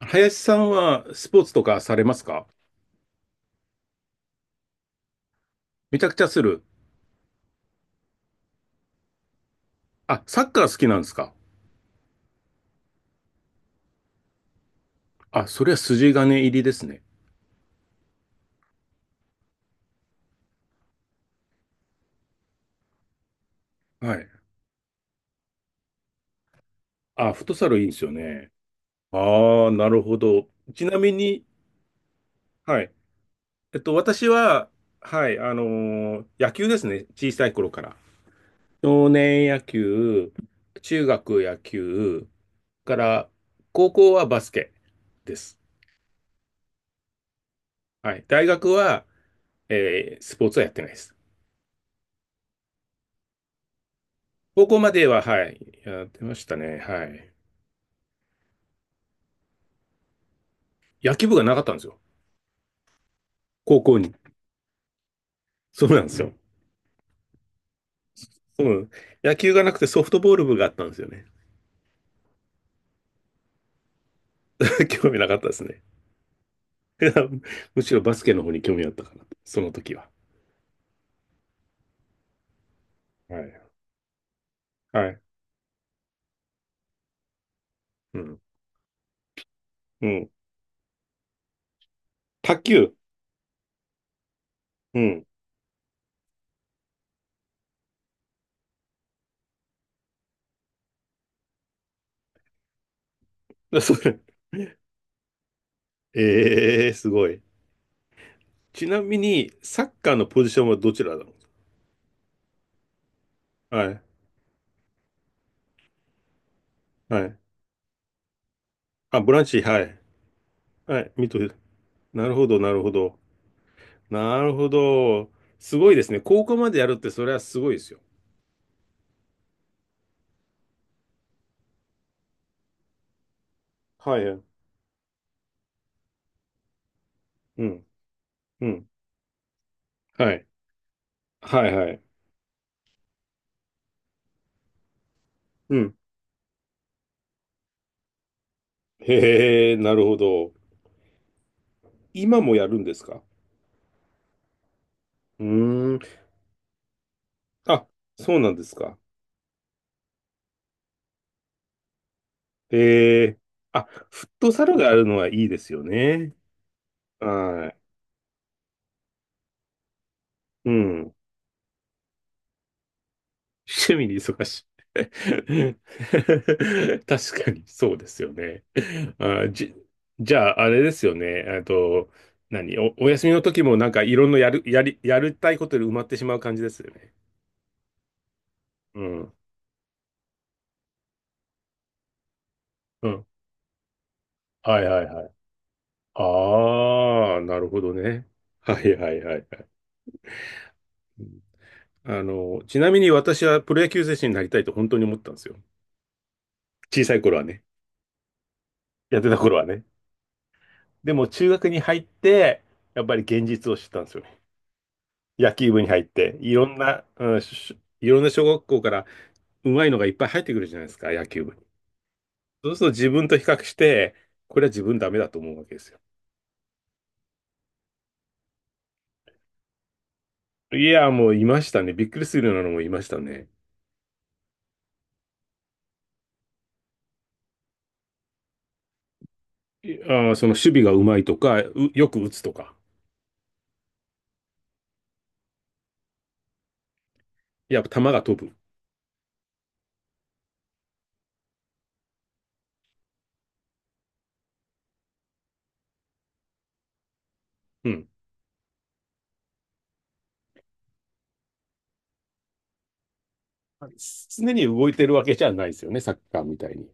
林さんはスポーツとかされますか？めちゃくちゃする。あ、サッカー好きなんですか？あ、それは筋金入りですね。はい。あ、フットサルいいんですよね。ああ、なるほど。ちなみに、はい。私は、はい、野球ですね。小さい頃から。少年野球、中学野球、から、高校はバスケです。はい。大学は、スポーツはやってないです。高校までは、はい、やってましたね。はい。野球部がなかったんですよ。高校に。そうなんですよ。うん。野球がなくてソフトボール部があったんですよね。興味なかったですね。むしろバスケの方に興味あったかな。その時は。はい。はい。うん。うん。卓球。うん。それ。ええー、すごい。ちなみに、サッカーのポジションはどちらだろう。はい。はい。あ、ボランチ、はい。はい。ミッドフィルダー、なるほど、なるほど。なるほど。すごいですね。高校までやるって、それはすごいですよ。はい。うん。うん。はい。はいはい。うん。へえ、なるほど。今もやるんですか？うーん。あ、そうなんですか。へえ。あ、フットサルがあるのはいいですよね。はい。うん。趣味に忙しい。確かにそうですよね。あ、じ、じゃあ、あれですよね。お休みの時もなんかいろんなやる、やり、やりたいことで埋まってしまう感じですよね。うん。うん。はいはいはい。ああ、なるほどね。はいはいはいはい。うん、あの、ちなみに私はプロ野球選手になりたいと本当に思ったんですよ。小さい頃はね。やってた頃はね。でも中学に入って、やっぱり現実を知ったんですよね。野球部に入って、いろんな、うん、しいろんな小学校から上手いのがいっぱい入ってくるじゃないですか、野球部に。そうすると自分と比較して、これは自分ダメだと思うわけですよ。いや、もういましたね。びっくりするようなのもいましたね。いあー、その守備が上手いとか、うよく打つとか。やっぱ球が飛ぶ。うん。常に動いてるわけじゃないですよね、サッカーみたいに。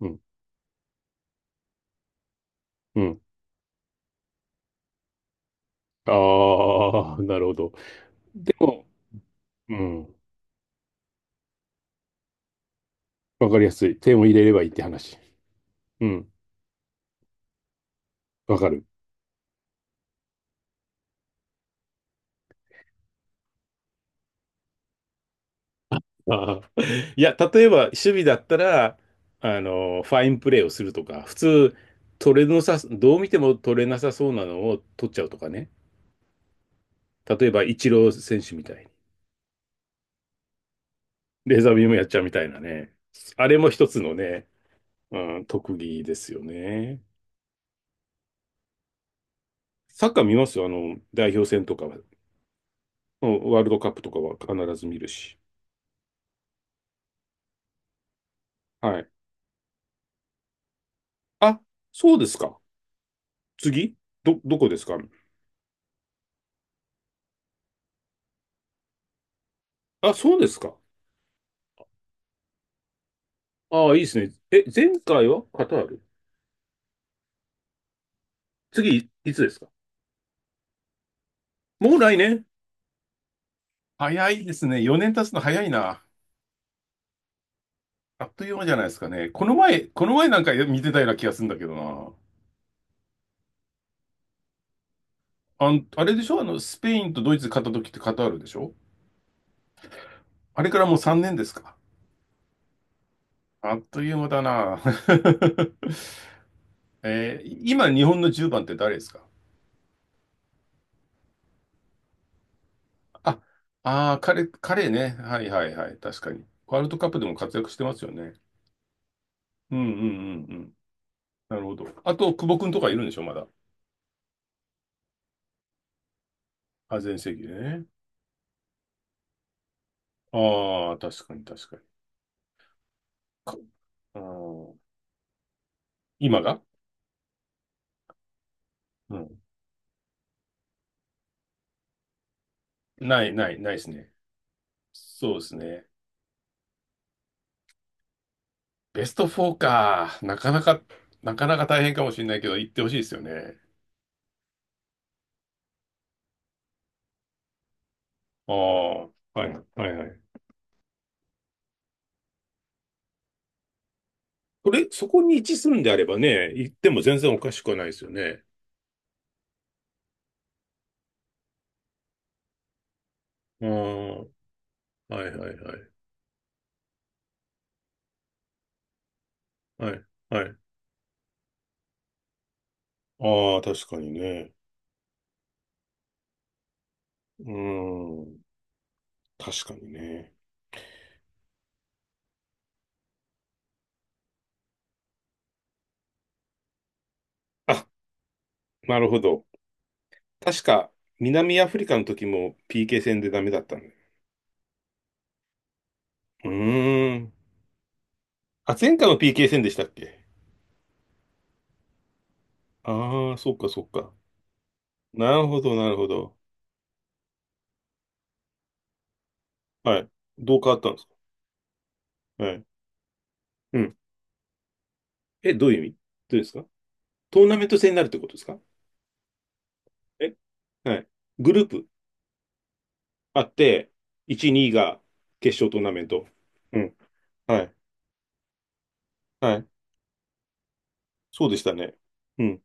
うん。うん。ああ、なるほど。でも、うん。わかりやすい。点を入れればいいって話。うん。わかる。ああ。いや、例えば、守備だったら、あの、ファインプレーをするとか、普通、取れなさ、どう見ても取れなさそうなのを取っちゃうとかね。例えば、イチロー選手みたいに。レーザービームやっちゃうみたいなね。あれも一つのね、うん、特技ですよね。サッカー見ますよ。あの、代表戦とかは。うん、ワールドカップとかは必ず見るし。はい。あ、そうですか。次ど、どこですか？あ、そうですか。ああ、いいですね。え、前回はカタール？次、いつですか？もう来年？早いですね。4年経つの早いな。あっという間じゃないですかね。この前、この前なんか見てたような気がするんだけどな。あん、あれでしょ、あの、スペインとドイツ勝った時ってカタールでしょ？あれからもう3年ですか。あっという間だな。今、日本の10番って誰ですか？あ、彼ね。はいはいはい。確かに。ワールドカップでも活躍してますよね。うんうんうんうん。なるほど。あと、久保君とかいるんでしょ、まだ。あ、全盛期でね。ああ、確かに確かに。か、あー今が？うん。ないないないですね。そうですね。ベスト4か。なかなか、なかなか大変かもしれないけど、行ってほしいですよね。ああ、はいはいはい。それ、そこに位置するんであればね、行っても全然おかしくはないですよね。ああ、はいはいはい。はい、はい。ああ、確かにね。うーん、確かにね。あ、なるほど。確か、南アフリカの時も PK 戦でダメだったね。うーん。あ、前回も PK 戦でしたっけ？ああー、そっかそっか。なるほど、なるほど。はい。どう変わったんですか？はい。うん。え、どういう意味？どうですか？トーナメント戦になるってことですか？え、はい。グループあって、1、2が決勝トーナメント。うん。はい。はい。そうでしたね。うん。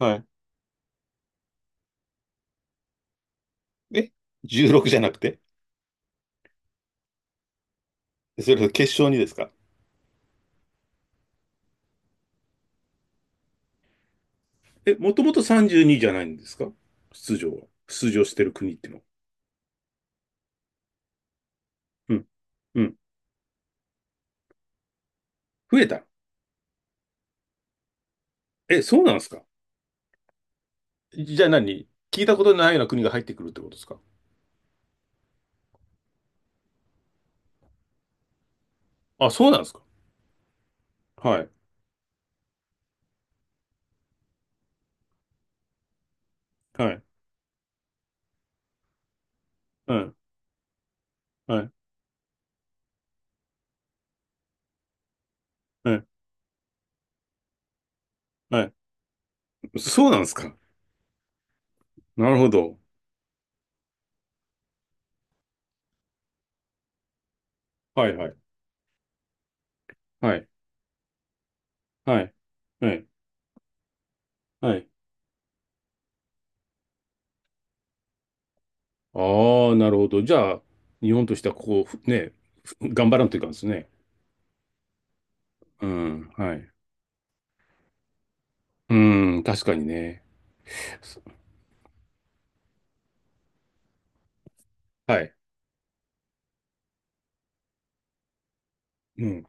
はい。え、16じゃなくて？それ決勝にですか？え、もともと32じゅうにじゃないんですか？出場は。出場してる国っていうのは。うん。うん。増えた。え、そうなんですか？じゃあ何聞いたことないような国が入ってくるってことですか？あ、そうなんですか。はい。はい。うん。はい。はい。はい。そうなんですか？なるほど。はいはい。はい。はい。はい。はい。ああ、なるほど。じゃあ、日本としてはここをふね、ふ頑張らんといかんですね。うん、はい。うん、確かにね。はい。うん、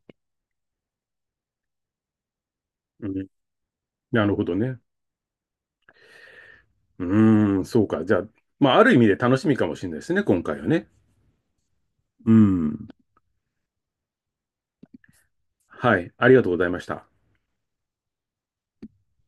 うん、なるほどね。うん、そうか。じゃあ、まあ、ある意味で楽しみかもしれないですね、今回はね。うん。はい。ありがとうございました。